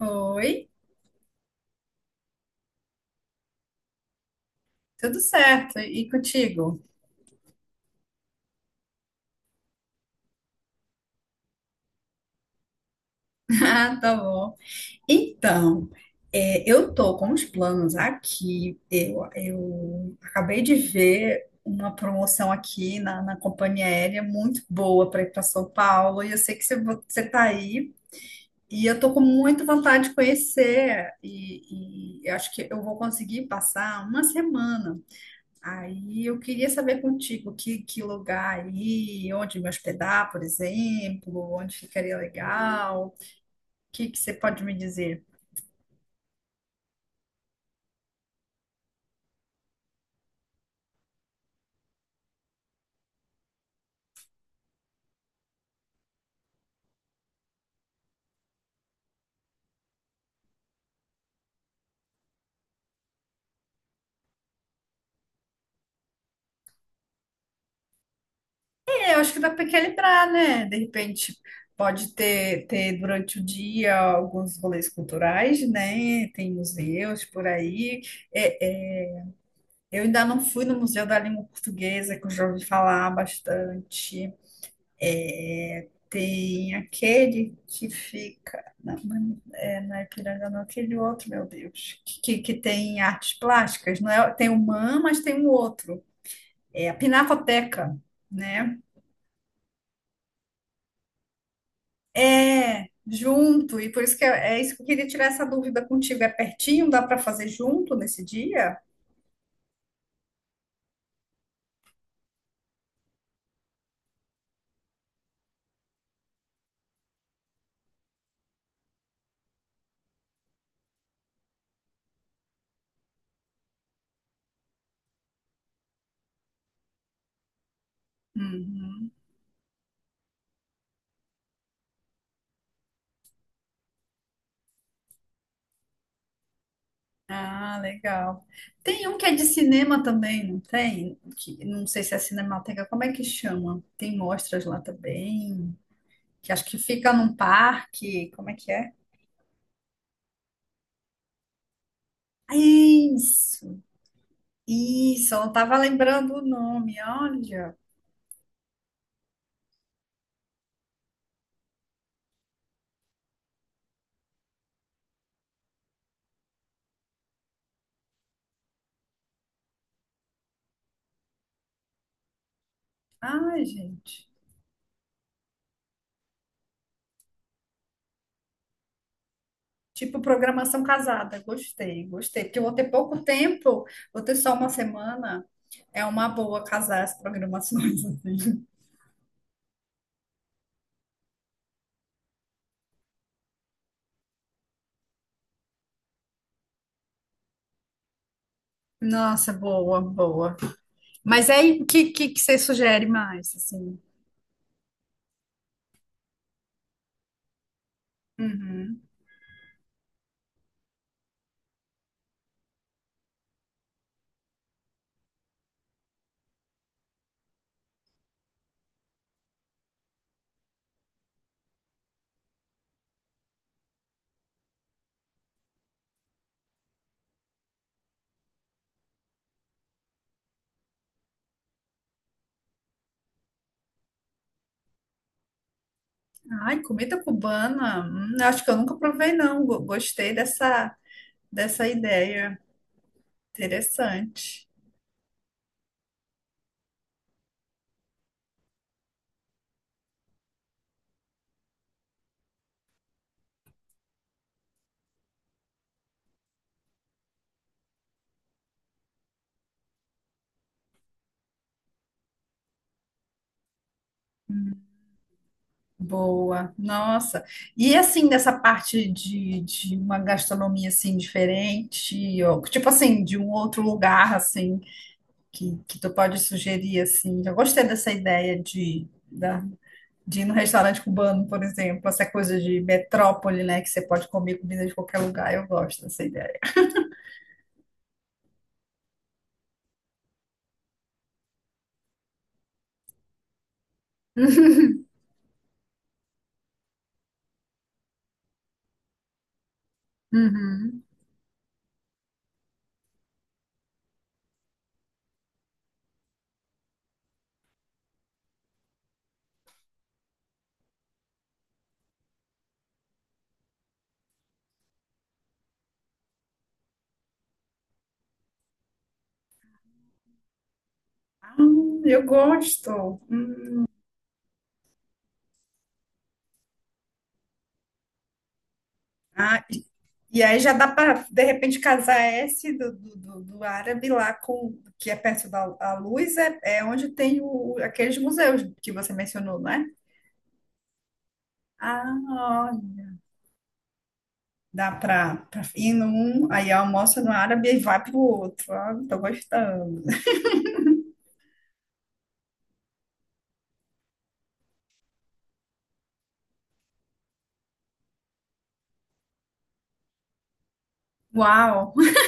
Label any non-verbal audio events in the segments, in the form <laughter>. Oi, tudo certo? E contigo? <laughs> Ah, tá bom. Então, eu tô com os planos aqui. Eu acabei de ver uma promoção aqui na companhia aérea muito boa para ir para São Paulo. E eu sei que você tá aí. E eu tô com muita vontade de conhecer. E eu acho que eu vou conseguir passar uma semana. Aí eu queria saber contigo que lugar aí, onde me hospedar, por exemplo, onde ficaria legal, o que você pode me dizer? É, eu acho que dá para equilibrar, né? De repente pode ter durante o dia alguns rolês culturais, né? Tem museus por aí. É, é, eu ainda não fui no Museu da Língua Portuguesa, que eu já ouvi falar bastante. É, tem aquele que fica. Não, mas é, não é Ipiranga, não, aquele outro, meu Deus. Que tem artes plásticas, não é? Tem o MAM, mas tem um outro. É a Pinacoteca, né? É, junto. E por isso que é isso que eu queria tirar essa dúvida contigo. É pertinho, dá para fazer junto nesse dia? Uhum. Ah, legal. Tem um que é de cinema também, não tem? Que, não sei se é Cinemateca, como é que chama? Tem mostras lá também. Que acho que fica num parque, como é que é? Ah, isso, eu não estava lembrando o nome, olha. Ai, gente. Tipo programação casada, gostei, gostei. Porque eu vou ter pouco tempo, vou ter só uma semana. É uma boa casar as programações, <laughs> assim. Nossa, boa, boa. Mas aí, o que você sugere mais, assim? Uhum. Ai, comida cubana, acho que eu nunca provei, não. Gostei dessa ideia. Interessante. Boa. Nossa. E assim, dessa parte de uma gastronomia assim diferente, ou, tipo assim, de um outro lugar assim que tu pode sugerir assim. Eu gostei dessa de ir no restaurante cubano, por exemplo, essa coisa de metrópole, né, que você pode comer comida de qualquer lugar. Eu gosto dessa ideia. <laughs> Uhum. Ah, eu gosto. Ah, e aí já dá para, de repente, casar esse do árabe lá com, que é perto da a luz, é onde tem o, aqueles museus que você mencionou, né? Ah, ó, dá para ir num, aí almoça no árabe e vai pro outro. Ah, tô gostando. Uau! <laughs>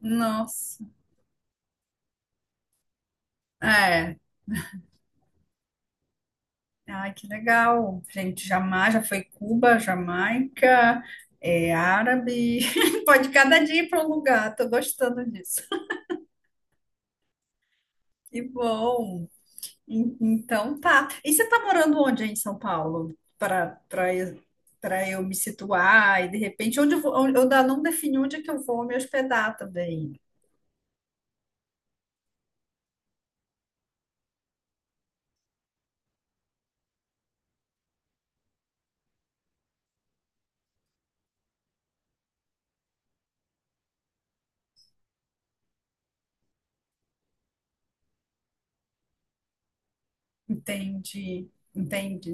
Nossa! É. Ai, que legal. Gente, jamais, já foi Cuba, Jamaica, é árabe. <laughs> Pode cada dia ir para um lugar, tô gostando disso. Que bom. Então tá. E você tá morando onde aí em São Paulo? Para eu me situar e de repente onde eu vou, onde- eu ainda não defini onde é que eu vou me hospedar também. Entende? Entende?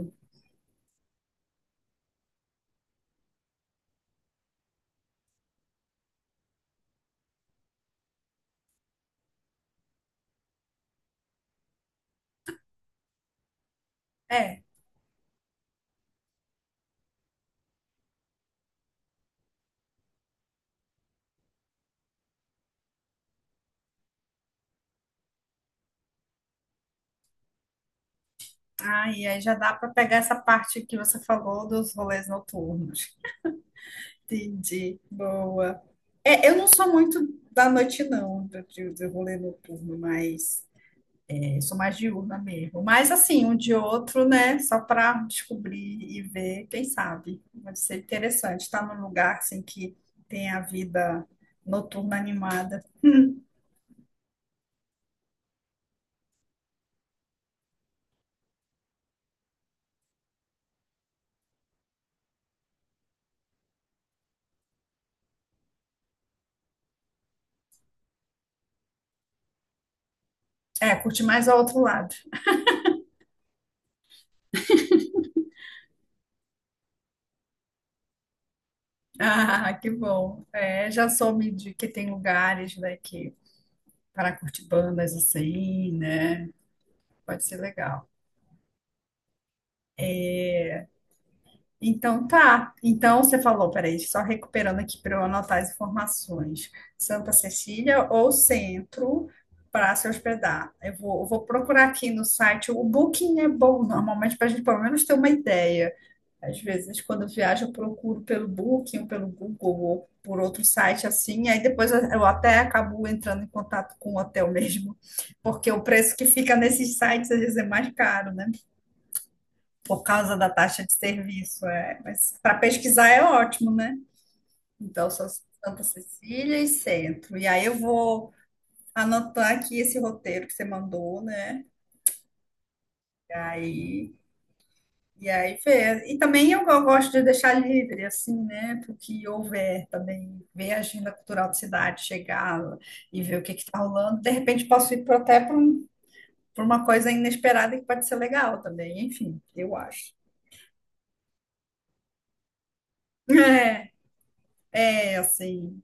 É. Ah, e aí já dá para pegar essa parte que você falou dos rolês noturnos. Entendi. Boa. É, eu não sou muito da noite, não, do rolê noturno, mas eu sou mais diurna mesmo. Mas assim, um de outro, né? Só para descobrir e ver, quem sabe. Vai ser interessante estar num lugar assim que tem a vida noturna animada. <laughs> É, curte mais ao outro lado. <laughs> Ah, que bom. É, já soube de que tem lugares, né, que para curtir bandas assim, né? Pode ser legal. Então tá. Então você falou, peraí, só recuperando aqui para eu anotar as informações. Santa Cecília ou Centro para se hospedar. Eu vou procurar aqui no site. O Booking é bom normalmente para a gente pelo menos ter uma ideia. Às vezes, quando eu viajo, eu procuro pelo Booking, ou pelo Google, ou por outro site assim, aí depois eu até acabo entrando em contato com o hotel mesmo, porque o preço que fica nesses sites às vezes é mais caro, né? Por causa da taxa de serviço. É. Mas para pesquisar é ótimo, né? Então, só Santa Cecília e Centro. E aí eu vou anotar aqui esse roteiro que você mandou, né? E aí, e aí ver. E também eu gosto de deixar livre, assim, né? Porque houver também, ver a agenda cultural da cidade, chegar e ver o que está rolando. De repente posso ir até para uma coisa inesperada que pode ser legal também. Enfim, eu acho. <laughs> É, é assim.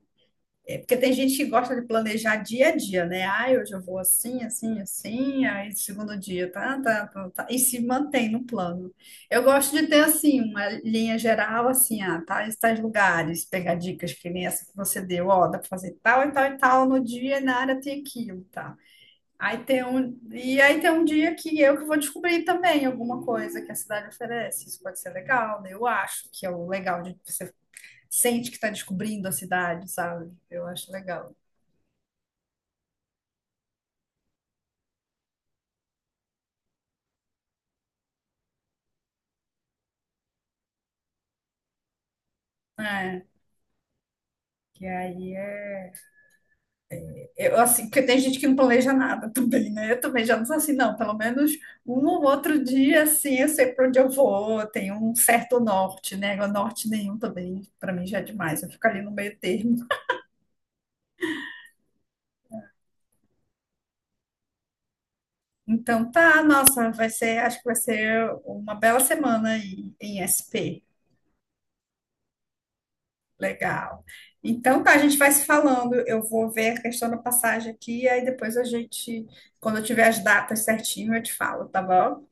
É porque tem gente que gosta de planejar dia a dia, né? Ah, hoje eu vou assim, assim, assim, aí segundo dia, tá, tá, tá, tá, e se mantém no plano. Eu gosto de ter, assim, uma linha geral, assim, ah, tais lugares, pegar dicas que nem essa que você deu, ó, dá pra fazer tal e tal e tal no dia, e na área tem aquilo, tá? E aí tem um dia que eu que vou descobrir também alguma coisa que a cidade oferece. Isso pode ser legal, né? Eu acho que é o legal de você sente que está descobrindo a cidade, sabe? Eu acho legal. É, que aí é. Eu, assim, porque tem gente que não planeja nada <laughs> também, né? Eu também já não sou assim, não. Pelo menos um ou outro dia, assim, eu sei para onde eu vou, eu tenho um certo norte, né? Agora, norte nenhum também, para mim já é demais, eu fico ali no meio termo. Então, tá, nossa, vai ser, acho que vai ser uma bela semana aí em SP. Legal. Então, tá, a gente vai se falando. Eu vou ver a questão da passagem aqui, aí depois a gente, quando eu tiver as datas certinho, eu te falo, tá bom?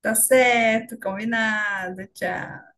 Tá certo, combinado. Tchau.